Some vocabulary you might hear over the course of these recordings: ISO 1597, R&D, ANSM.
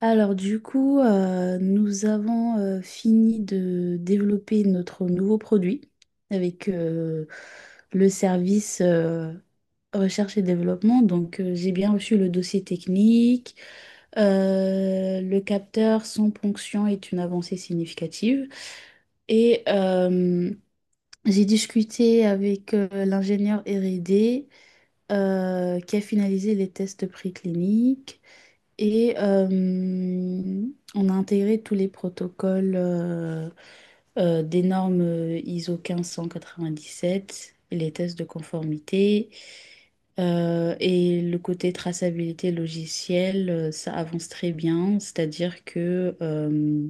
Nous avons fini de développer notre nouveau produit avec le service recherche et développement. Donc j'ai bien reçu le dossier technique. Le capteur sans ponction est une avancée significative. Et euh, j'ai discuté avec l'ingénieur R&D qui a finalisé les tests précliniques. Et euh, on a intégré tous les protocoles des normes ISO 1597 et les tests de conformité. Et le côté traçabilité logicielle, ça avance très bien, c'est-à-dire que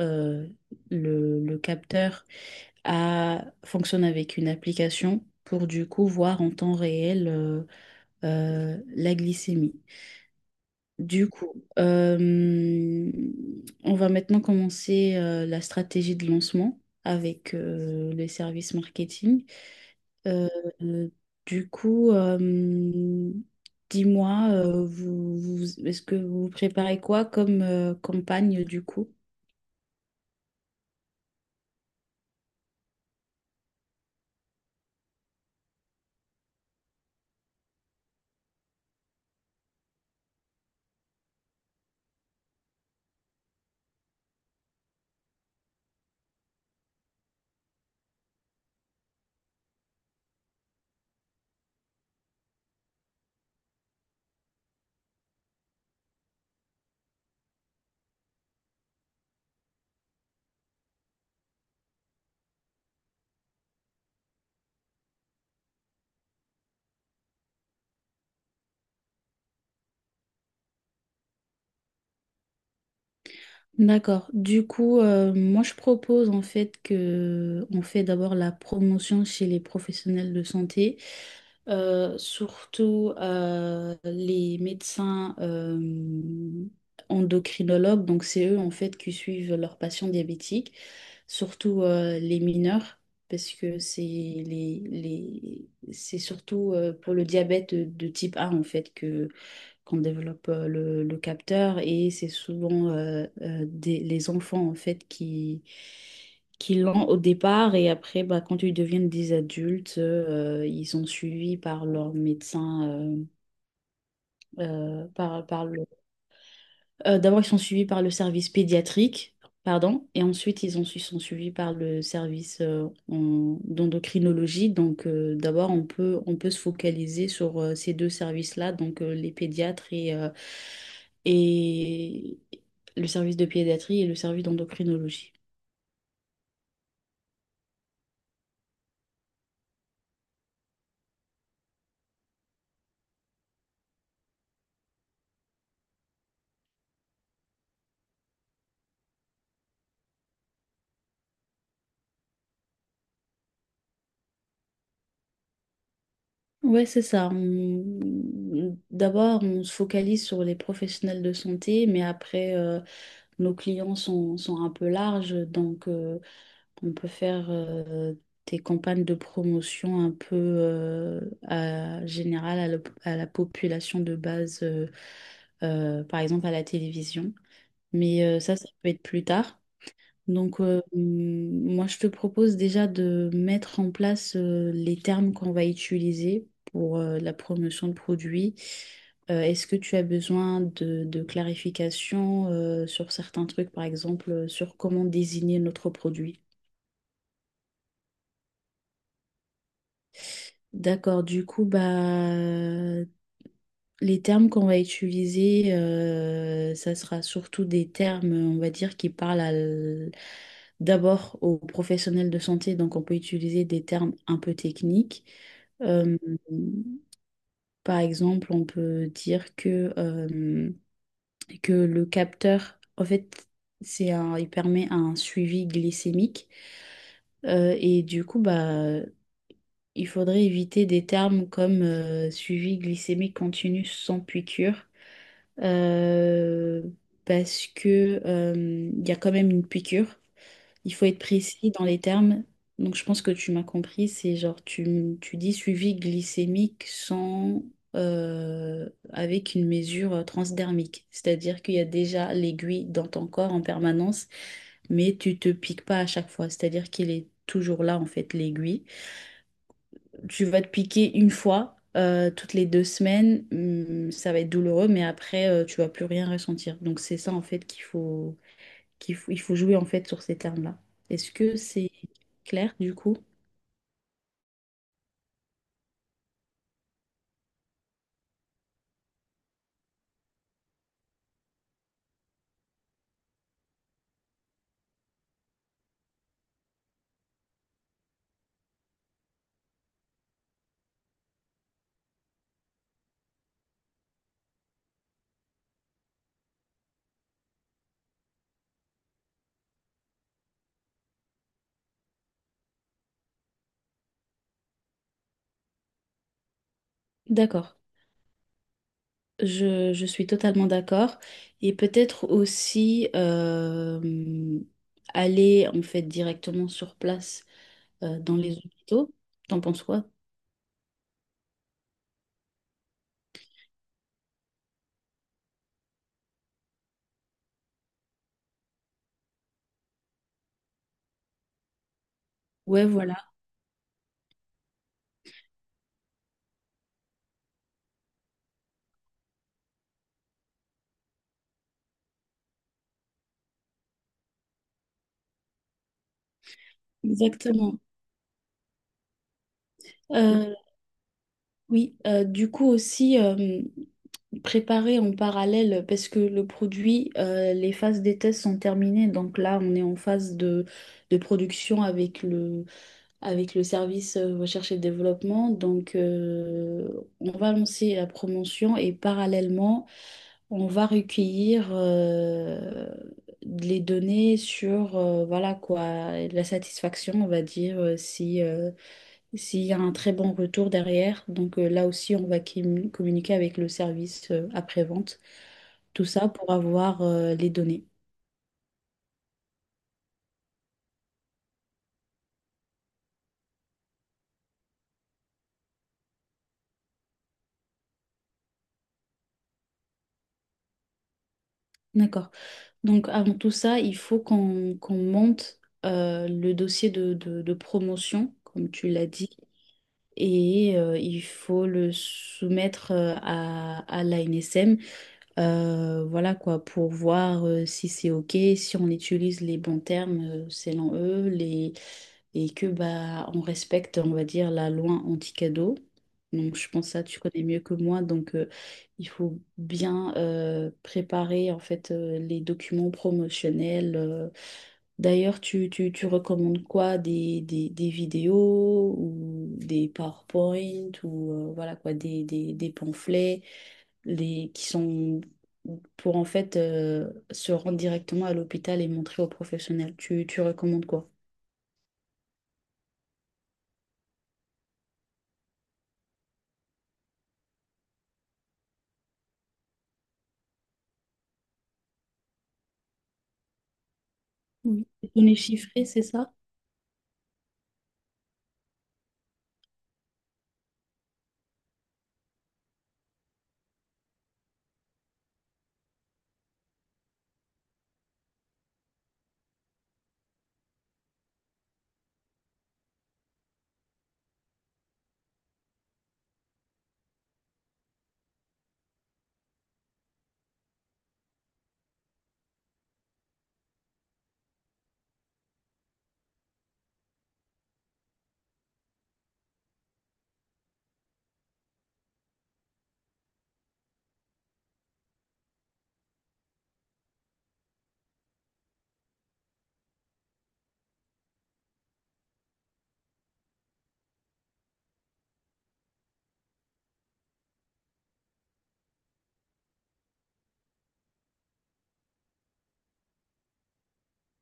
euh, le capteur fonctionne avec une application pour du coup voir en temps réel la glycémie. Du coup, euh, on va maintenant commencer la stratégie de lancement avec les services marketing. Euh, euh, du coup, euh, Dis-moi, est-ce que vous préparez quoi comme campagne du coup? D'accord. Moi je propose en fait que on fait d'abord la promotion chez les professionnels de santé. Surtout les médecins endocrinologues, donc c'est eux en fait qui suivent leurs patients diabétiques, surtout les mineurs, parce que c'est c'est surtout pour le diabète de type A en fait que qu'on développe le capteur et c'est souvent les enfants en fait qui l'ont au départ et après bah, quand ils deviennent des adultes ils sont suivis par leur médecin par le d'abord, ils sont suivis par le service pédiatrique, pardon, et ensuite, ils sont suivis par le service d'endocrinologie. Donc, d'abord, on peut se focaliser sur ces deux services-là, donc les pédiatres et le service de pédiatrie et le service d'endocrinologie. Ouais, c'est ça. D'abord, on se focalise sur les professionnels de santé, mais après, nos clients sont un peu larges, donc on peut faire des campagnes de promotion un peu générales à la population de base, par exemple à la télévision. Mais ça peut être plus tard. Donc, moi, je te propose déjà de mettre en place les termes qu'on va utiliser pour la promotion de produits. Est-ce que tu as besoin de clarification sur certains trucs, par exemple, sur comment désigner notre produit? D'accord, du coup, bah, les termes qu'on va utiliser, ça sera surtout des termes, on va dire, qui parlent d'abord aux professionnels de santé, donc on peut utiliser des termes un peu techniques. Euh, par exemple, on peut dire que le capteur, en fait, il permet un suivi glycémique. Et du coup, bah, il faudrait éviter des termes comme suivi glycémique continu sans piqûre, euh, parce que il y a quand même une piqûre. Il faut être précis dans les termes. Donc je pense que tu m'as compris, c'est genre tu dis suivi glycémique sans avec une mesure transdermique, c'est-à-dire qu'il y a déjà l'aiguille dans ton corps en permanence, mais tu te piques pas à chaque fois, c'est-à-dire qu'il est toujours là en fait l'aiguille. Tu vas te piquer une fois, toutes les deux semaines, ça va être douloureux, mais après, tu vas plus rien ressentir. Donc c'est ça en fait qu'il faut, il faut jouer en fait sur ces termes-là. Est-ce que c'est clair du coup? D'accord, je suis totalement d'accord. Et peut-être aussi aller en fait directement sur place dans les hôpitaux. T'en penses quoi? Ouais, voilà, exactement. Euh, oui, du coup aussi. Préparer en parallèle parce que le produit, les phases des tests sont terminées. Donc là, on est en phase de production avec avec le service recherche et développement. Donc on va lancer la promotion et parallèlement, on va recueillir les données sur voilà quoi, la satisfaction, on va dire, si, s'il y a un très bon retour derrière. Donc là aussi, on va communiquer avec le service après-vente. Tout ça pour avoir les données. D'accord. Donc avant tout ça, il faut qu'on monte le dossier de promotion, comme tu l'as dit, et il faut le soumettre à l'ANSM. Voilà quoi, pour voir si c'est OK, si on utilise les bons termes selon eux, les… et que bah on respecte, on va dire, la loi anti-cadeau. Donc je pense ça, tu connais mieux que moi, donc il faut bien préparer en fait les documents promotionnels. D'ailleurs, tu recommandes quoi? Des vidéos ou des PowerPoint ou voilà quoi, des pamphlets les, qui sont pour en fait se rendre directement à l'hôpital et montrer aux professionnels. Tu recommandes quoi? Oui. Les données chiffrées, c'est ça?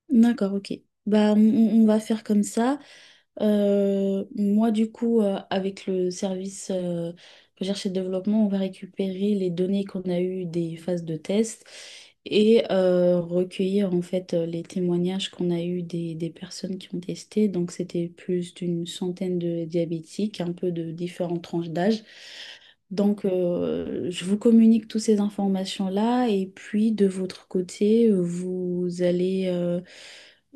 D'accord, ok. Bah, on va faire comme ça. Moi, du coup, avec le service recherche et développement, on va récupérer les données qu'on a eues des phases de test et recueillir en fait les témoignages qu'on a eus des personnes qui ont testé. Donc, c'était plus d'une centaine de diabétiques, un peu de différentes tranches d'âge. Donc, je vous communique toutes ces informations-là et puis de votre côté, vous allez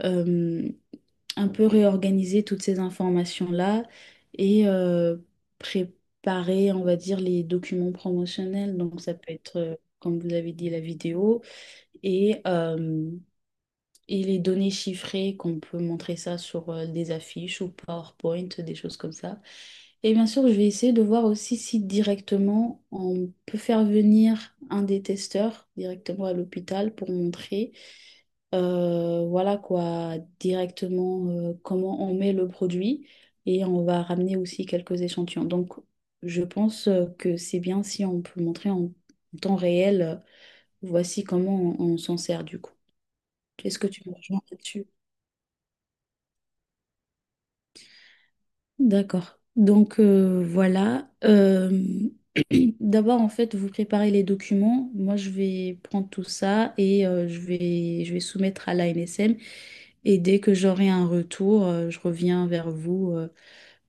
euh, un peu réorganiser toutes ces informations-là et préparer, on va dire, les documents promotionnels. Donc, ça peut être, comme vous avez dit, la vidéo et euh, et les données chiffrées, qu'on peut montrer ça sur des affiches ou PowerPoint, des choses comme ça. Et bien sûr, je vais essayer de voir aussi si directement on peut faire venir un des testeurs directement à l'hôpital pour montrer, voilà quoi, directement comment on met le produit et on va ramener aussi quelques échantillons. Donc, je pense que c'est bien si on peut montrer en temps réel, voici comment on s'en sert du coup. Est-ce que tu me rejoins là-dessus? D'accord. Donc voilà. D'abord, en fait, vous préparez les documents. Moi, je vais prendre tout ça et je vais soumettre à la l'ANSM. Et dès que j'aurai un retour, je reviens vers vous euh,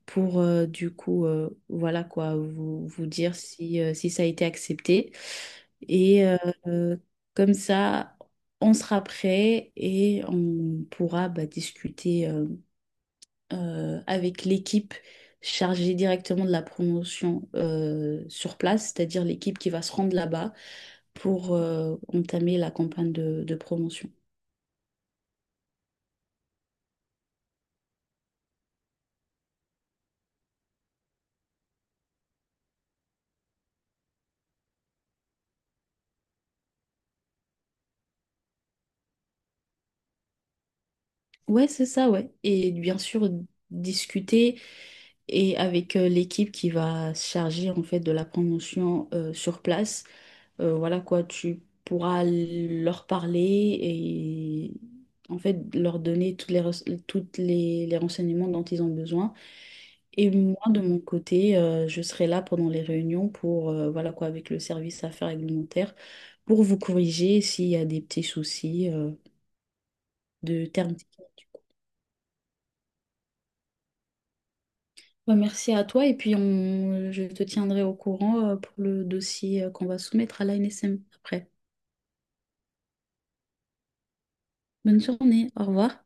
pour euh, du coup, euh, voilà quoi, vous dire si, si ça a été accepté. Et euh, euh, Comme ça, on sera prêt et on pourra bah, discuter. Avec l'équipe chargée directement de la promotion sur place, c'est-à-dire l'équipe qui va se rendre là-bas pour entamer la campagne de promotion. Ouais, c'est ça, ouais. Et bien sûr, discuter et avec l'équipe qui va se charger en fait de la promotion sur place. Voilà quoi, tu pourras leur parler et en fait leur donner toutes les renseignements dont ils ont besoin. Et moi, de mon côté, je serai là pendant les réunions pour, voilà quoi, avec le service affaires réglementaires, pour vous corriger s'il y a des petits soucis de termes techniques. Bah, merci à toi et puis je te tiendrai au courant pour le dossier qu'on va soumettre à l'ANSM après. Bonne journée, au revoir.